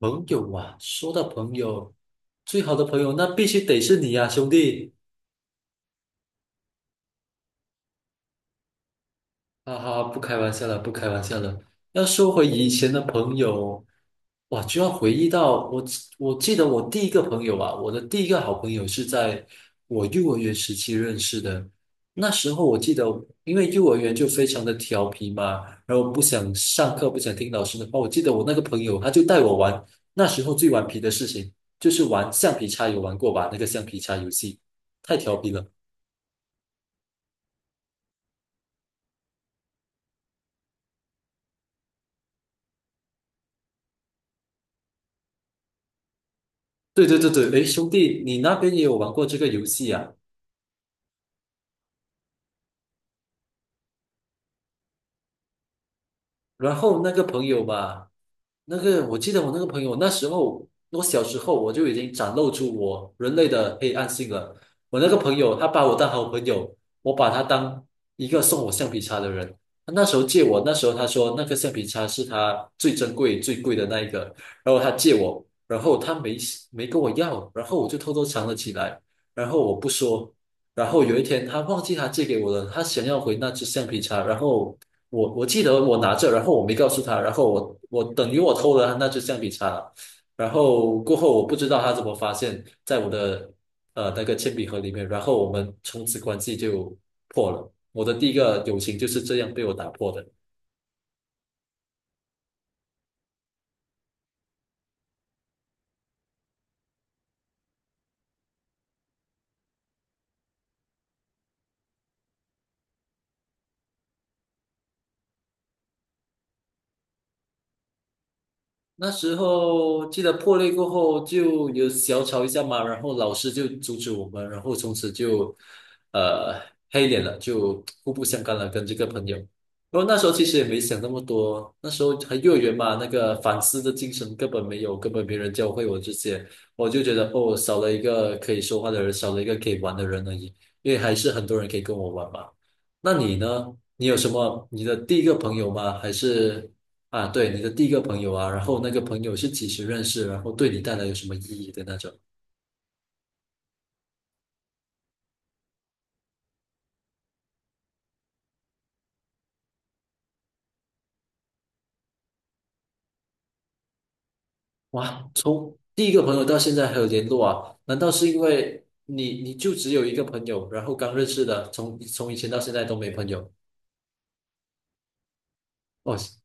朋友啊，说到朋友，最好的朋友那必须得是你呀、兄弟。哈哈，不开玩笑了，不开玩笑了。要说回以前的朋友，哇，就要回忆到我，我记得我第一个朋友啊，我的第一个好朋友是在我幼儿园时期认识的。那时候我记得，因为幼儿园就非常的调皮嘛，然后不想上课，不想听老师的话。我记得我那个朋友，他就带我玩，那时候最顽皮的事情就是玩橡皮擦，有玩过吧？那个橡皮擦游戏太调皮了。对对对对，诶，兄弟，你那边也有玩过这个游戏啊？然后那个朋友吧，那个我记得我那个朋友，那时候我小时候我就已经展露出我人类的黑暗性了。我那个朋友，他把我当好朋友，我把他当一个送我橡皮擦的人。他那时候借我，那时候他说那个橡皮擦是他最珍贵、最贵的那一个，然后他借我，然后他没没跟我要，然后我就偷偷藏了起来，然后我不说。然后有一天，他忘记他借给我了，他想要回那只橡皮擦，然后我记得我拿着，然后我没告诉他，然后我等于我偷了他那支橡皮擦了。然后过后我不知道他怎么发现，在我的那个铅笔盒里面，然后我们从此关系就破了。我的第一个友情就是这样被我打破的。那时候记得破裂过后就有小吵一下嘛，然后老师就阻止我们，然后从此就呃黑脸了，就互不相干了，跟这个朋友。然后那时候其实也没想那么多，那时候还幼儿园嘛，那个反思的精神根本没有，根本没人教会我这些，我就觉得哦，少了一个可以说话的人，少了一个可以玩的人而已，因为还是很多人可以跟我玩嘛。那你呢？你有什么你的第一个朋友吗？还是？啊，对，你的第一个朋友啊，然后那个朋友是几时认识，然后对你带来有什么意义的那种。哇，从第一个朋友到现在还有联络啊？难道是因为你就只有一个朋友，然后刚认识的，从以前到现在都没朋友？哇塞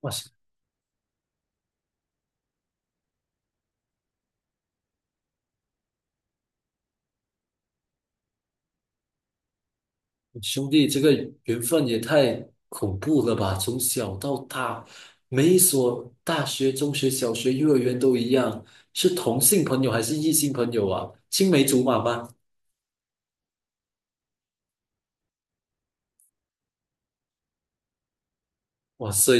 哇塞，兄弟，这个缘分也太恐怖了吧！从小到大，每一所大学、中学、小学、幼儿园都一样，是同性朋友还是异性朋友啊？青梅竹马吗？哇塞，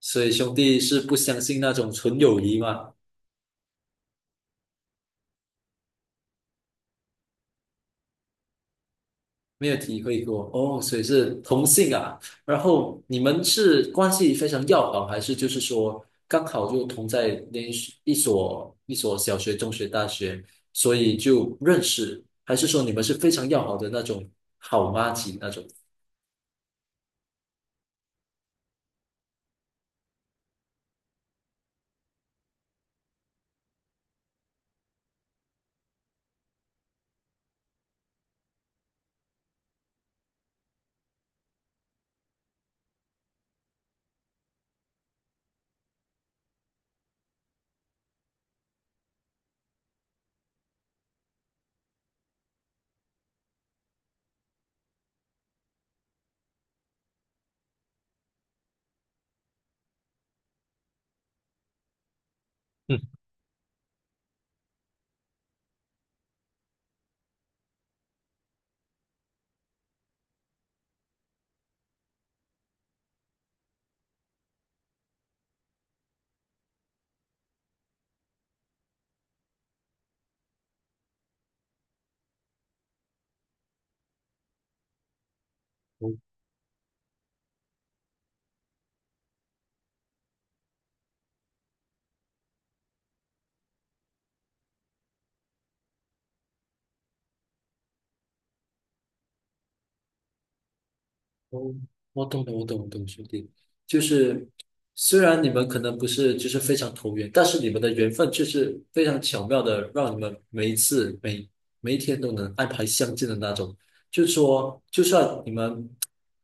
所以兄弟是不相信那种纯友谊吗？没有体会过哦，所以是同性啊。然后你们是关系非常要好，还是就是说刚好就同在连一所小学、中学、大学，所以就认识？还是说你们是非常要好的那种好妈吉那种？哦，我懂了，我懂，我懂，兄弟，就是虽然你们可能不是就是非常投缘，但是你们的缘分却是非常巧妙的，让你们每一天都能安排相见的那种。就是说，就算你们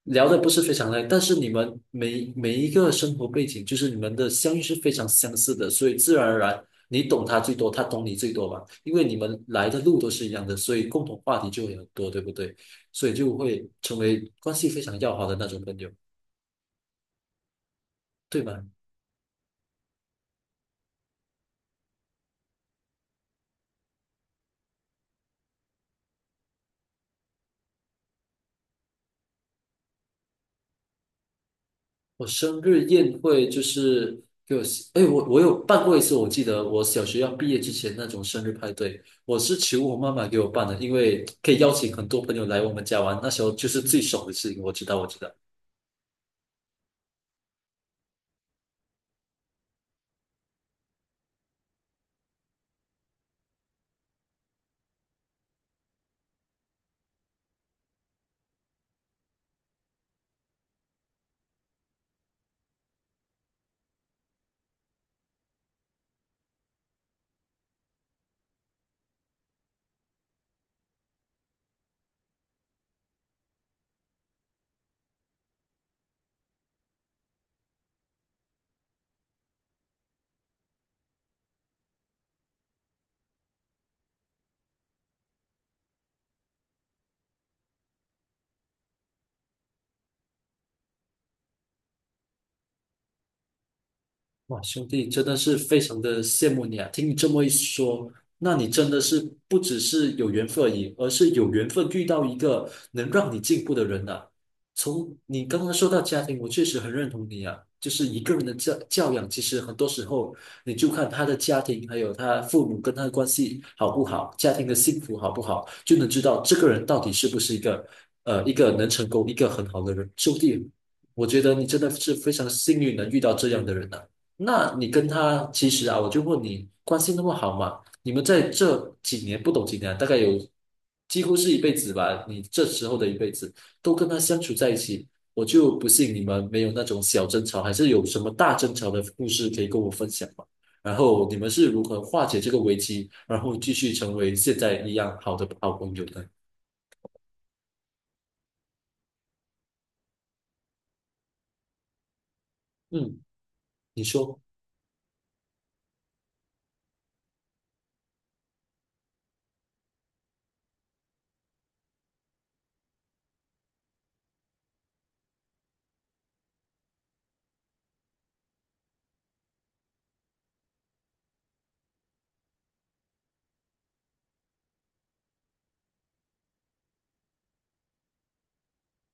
聊的不是非常累，但是你们每一个生活背景，就是你们的相遇是非常相似的，所以自然而然你懂他最多，他懂你最多吧，因为你们来的路都是一样的，所以共同话题就会很多，对不对？所以就会成为关系非常要好的那种朋友，对吗？我生日宴会就是给我，哎，我有办过一次，我记得我小学要毕业之前那种生日派对，我是求我妈妈给我办的，因为可以邀请很多朋友来我们家玩，那时候就是最爽的事情，我知道，我知道。哇，兄弟，真的是非常的羡慕你啊！听你这么一说，那你真的是不只是有缘分而已，而是有缘分遇到一个能让你进步的人啊。从你刚刚说到家庭，我确实很认同你啊。就是一个人的教养，其实很多时候你就看他的家庭，还有他父母跟他的关系好不好，家庭的幸福好不好，就能知道这个人到底是不是一个一个能成功、一个很好的人。兄弟，我觉得你真的是非常幸运能遇到这样的人啊。那你跟他其实啊，我就问你，关系那么好嘛？你们在这几年不懂几年啊大概有几乎是一辈子吧。你这时候的一辈子都跟他相处在一起，我就不信你们没有那种小争吵，还是有什么大争吵的故事可以跟我分享吗？然后你们是如何化解这个危机，然后继续成为现在一样好的好朋友的？嗯，你说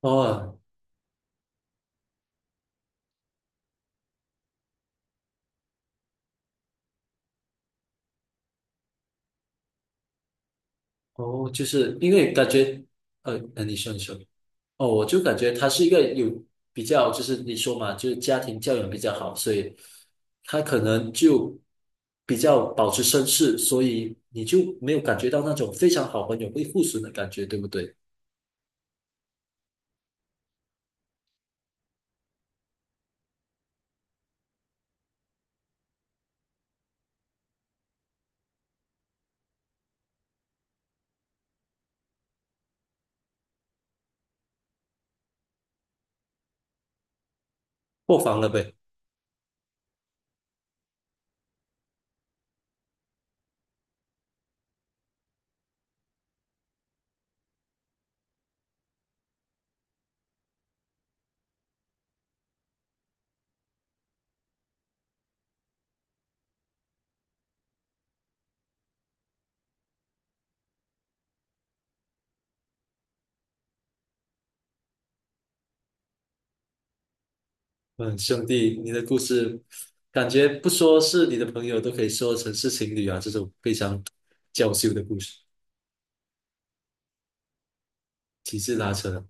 哦哦，就是因为感觉你说你说。哦，我就感觉他是一个有比较，就是你说嘛，就是家庭教养比较好，所以他可能就比较保持绅士，所以你就没有感觉到那种非常好朋友会互损的感觉，对不对？破防了呗。嗯，兄弟，你的故事感觉不说是你的朋友，都可以说成是情侣啊，这种非常娇羞的故事，极致拉扯啊。